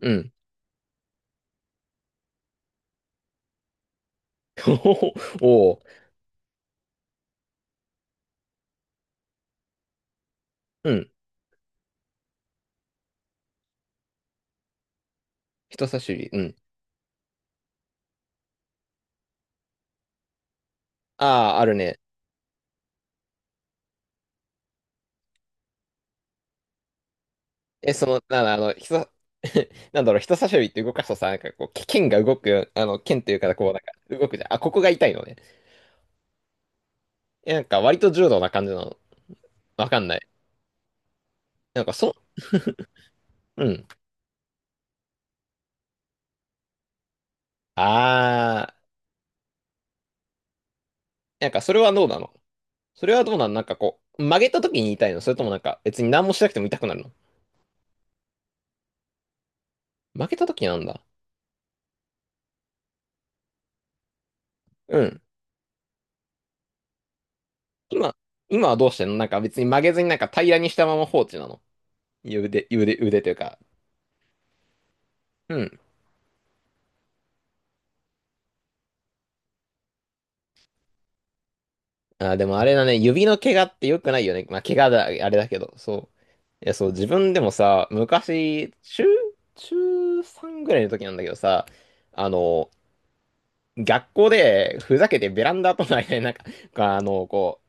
うん。おお、うん。人差し指。うん。ああ、あるね。え、その、なんだ、あの、人、なんだろう、人差し指って動かすとさ、なんかこう、け剣が動く、あの、剣というか、こう、なんか、動くじゃん。あ、ここが痛いのね。え、なんか、割と柔道な感じなの。わかんない。なんか、そ、うん。ああ、なんか、それはどうなの、なんかこう、曲げた時に痛いの？それともなんか、別に何もしなくても痛くなるの？曲げた時なんだ。うん。今、今はどうしてんの？なんか別に曲げずになんか平らにしたまま放置なの？腕というか、うん。あ、でもあれだね、指の怪我って良くないよね。まあ、怪我だ、あれだけど、そう。いや、そう、自分でもさ、昔、中、中3ぐらいの時なんだけどさ、あの、学校でふざけてベランダとの間になんか、あの、こ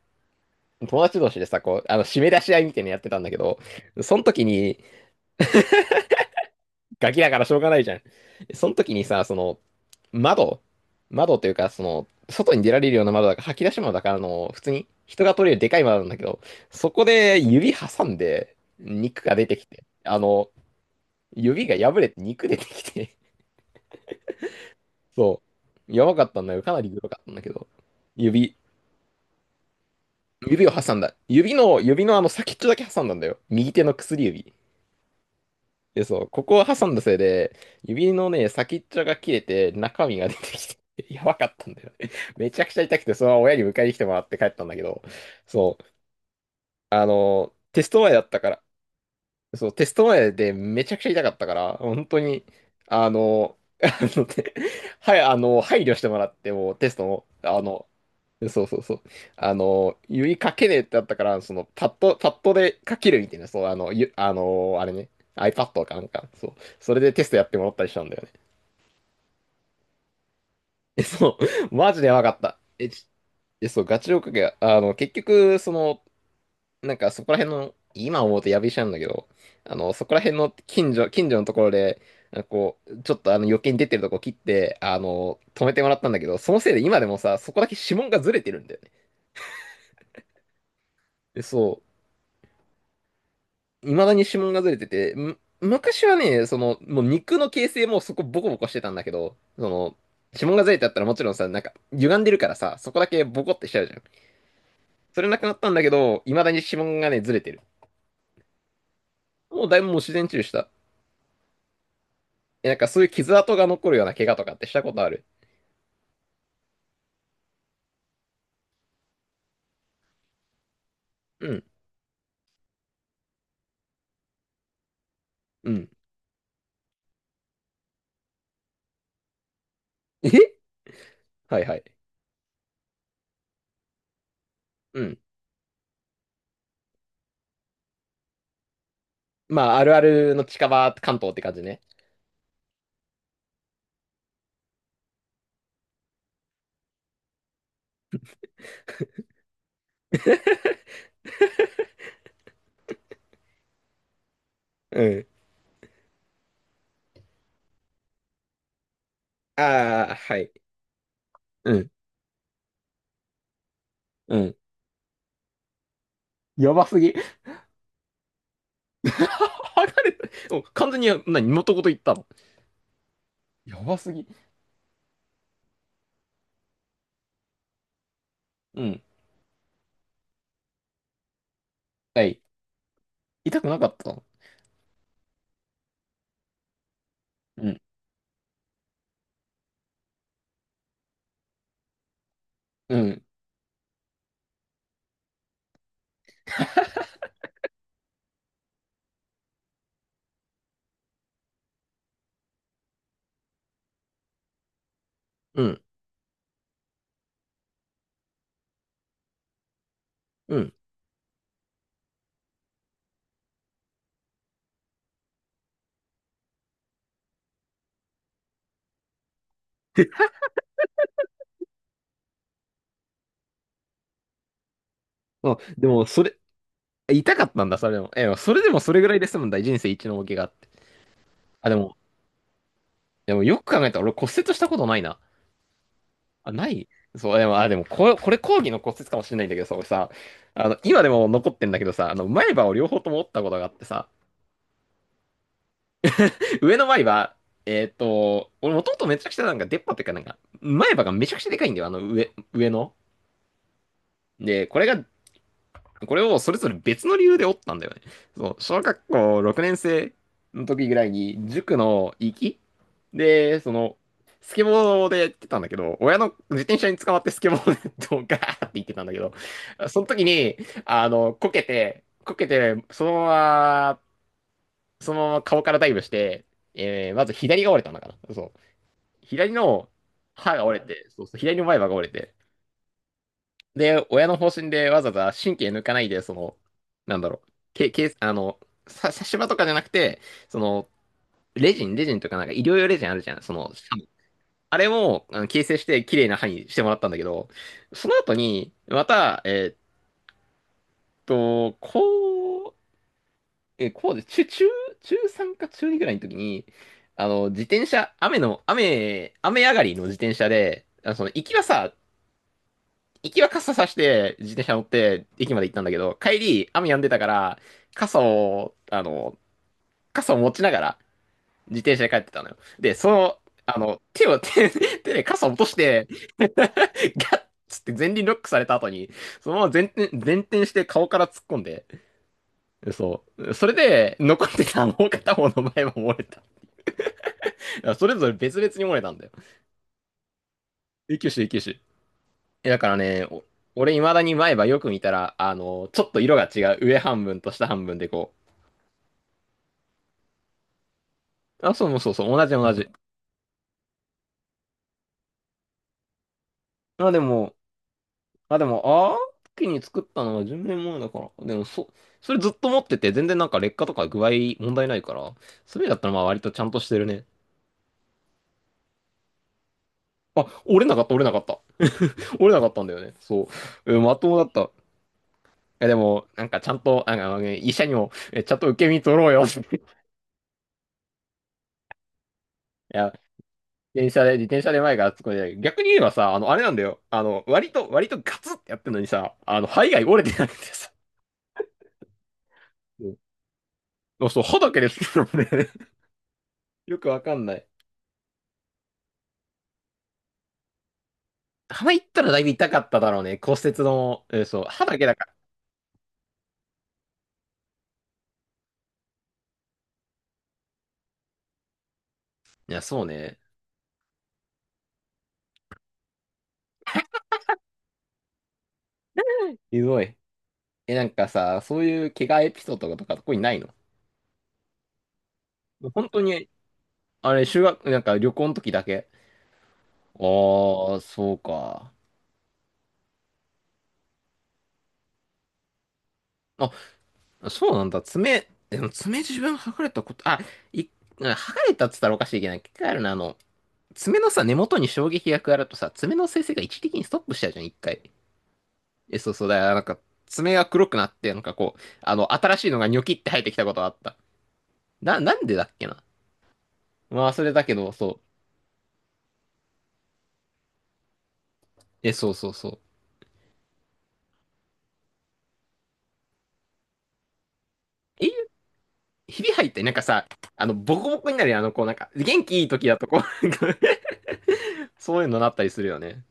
う、友達同士でさ、こう、あの、締め出し合いみたいなのやってたんだけど、その時に、ガキだからしょうがないじゃん。その時にさ、その、窓、窓というか、その、外に出られるような窓だから、吐き出し窓だから、あの、普通に人が取れるでかい窓なんだけど、そこで指挟んで、肉が出てきて、あの、指が破れて肉出てきて、そう、やばかったんだよ。かなりグロかったんだけど、指、指を挟んだ。指の、指のあの先っちょだけ挟んだんだよ。右手の薬指。で、そう、ここを挟んだせいで、指のね、先っちょが切れて、中身が出てきて、やばかったんだよね。めちゃくちゃ痛くて、そのまま親に迎えに来てもらって帰ったんだけど、そう、あの、テスト前だったから、そう、テスト前でめちゃくちゃ痛かったから、本当に、あの、あの、てはい、あの、配慮してもらって、もうテストも、あの、そうそうそう、あの、指かけねえってあったから、その、パッド、パッドで書けるみたいな、そう、あの、ゆ、あの、あれね、iPad かなんか、そう、それでテストやってもらったりしたんだよね。え、そう、マジでやばかった。え、ちえ、そう、ガチで追っかけ、あの、結局、その、なんかそこら辺の、今思うとやびしゃんだけど、あの、そこら辺の近所、近所のところで、なんかこう、ちょっとあの余計に出てるとこ切って、あの、止めてもらったんだけど、そのせいで今でもさ、そこだけ指紋がずれてるんだよね。で、そう、未だに指紋がずれてて、む昔はね、その、もう肉の形成もそこボコボコしてたんだけど、その、指紋がずれてあったらもちろんさ、なんか歪んでるからさ、そこだけボコってしちゃうじゃん。それなくなったんだけど、未だに指紋がね、ずれてる。もうだいぶもう自然治癒した。え、なんかそういう傷跡が残るような怪我とかってしたことある？うん、うん。え はいはい。うん。まあ、あるあるの近場関東って感じね。うん。ああ、はい。うん、うん。やばすぎ。剥がれた。もう完全に、な、元ごと言ったの？やばすぎ。うん。はい。痛くなかったの？うん、うん、うん、うん。あ、でも、それ、痛かったんだ、それでも。え、それでもそれぐらいで済むんだ、人生一の大怪我って。あ、でも、でもよく考えたら俺骨折したことないな。あ、ない？そう、でも、あ、でもこれ、これ講義の骨折かもしれないんだけどさ、俺さ、あの、今でも残ってんだけどさ、あの、前歯を両方とも折ったことがあってさ、上の前歯、えーっと、俺もともとめちゃくちゃなんか出っ歯っていうかなんか、前歯がめちゃくちゃでかいんだよ、あの上、上の。で、これがこれをそれぞれ別の理由で折ったんだよね。そう、小学校6年生の時ぐらいに、塾の行きで、その、スケボーでやってたんだけど、親の自転車に捕まってスケボーでドガーって行ってたんだけど、その時に、あの、こけて、こけて、ま、そのまま顔からダイブして、まず左が折れたんだからそう。左の歯が折れて、そうそう、左の前歯が折れて、で、親の方針でわざわざ神経抜かないで、その、なんだろう、け、け、あの、さ、差し歯とかじゃなくて、その、レジン、レジンとかなんか医療用レジンあるじゃん。その、あれも、あの、形成して綺麗な歯にしてもらったんだけど、その後に、また、こう、え、こうで、中、中、中3か中2ぐらいの時に、あの、自転車、雨の、雨、雨上がりの自転車で、あのその行きはさ、行きは傘さして自転車乗って駅まで行ったんだけど、帰り雨止んでたから、傘を、あの、傘を持ちながら自転車で帰ってたのよ。で、その、あの、手を、手、手で傘を落として、ガッつって前輪ロックされた後に、そのまま前転、前転して顔から突っ込んで、そう。それで、残ってたもう片方の前も漏れた。それぞれ別々に漏れたんだよ。救急車、救急車。えだからね、お俺未だに前歯よく見たら、あの、ちょっと色が違う。上半分と下半分でこう。あ、そうもそうそう、同じ同じ。まあでも、まあでも、ああ、時に作ったのは10年前だから。でも、そ、それずっと持ってて、全然なんか劣化とか具合問題ないから、それだったらまあ割とちゃんとしてるね。あ、折れなかった、折れなかった。折れなかったんだよね。そう。うんまともだった。え、でも、なんかちゃんと、なんか、ね、医者にも、え、ちゃんと受け身取ろうよって。いや、電車で、自転車で前から突っ込んでない、逆に言えばさ、あの、あれなんだよ。あの、割とガツってやってんのにさ、あの、肺が折れてなくてさ。うんあそう、そう歯だけですけどね。よくわかんない。鼻行ったらだいぶ痛かっただろうね。骨折の、え、そう、歯だけだから。いや、そうね。ひどい。え、なんかさ、そういう怪我エピソードとか特にないの？本当に、あれ、修学、なんか旅行の時だけ。ああ、そうか。あ、そうなんだ。爪、でも爪自分剥がれたこと、あ、い、剥がれたっつったらおかしいけど、一回あるな、あの、爪のさ、根元に衝撃が加わるとさ、爪の生成が一時的にストップしちゃうじゃん、一回。え、そうそうだよ。なんか、爪が黒くなって、なんかこう、あの、新しいのがニョキって生えてきたことがあった。な、なんでだっけな。まあ、それだけど、そう。え、そうそうそう。え、ひび入って、なんかさ、あの、ボコボコになるよ、あの、こう、なんか、元気いい時だと、こう、なんか そういうのなったりするよね。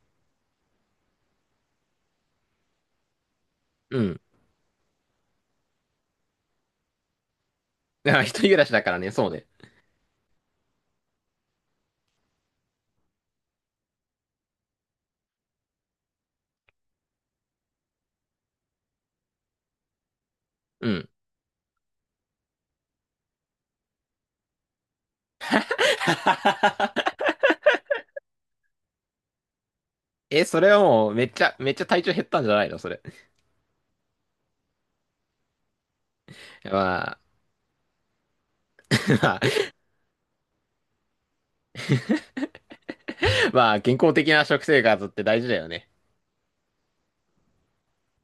うん。だから一人暮らしだからね、そうね。うん。え、それはもうめっちゃ、めっちゃ体調減ったんじゃないの？それ。まあ、まあ、まあ健康的な食生活って大事だよね。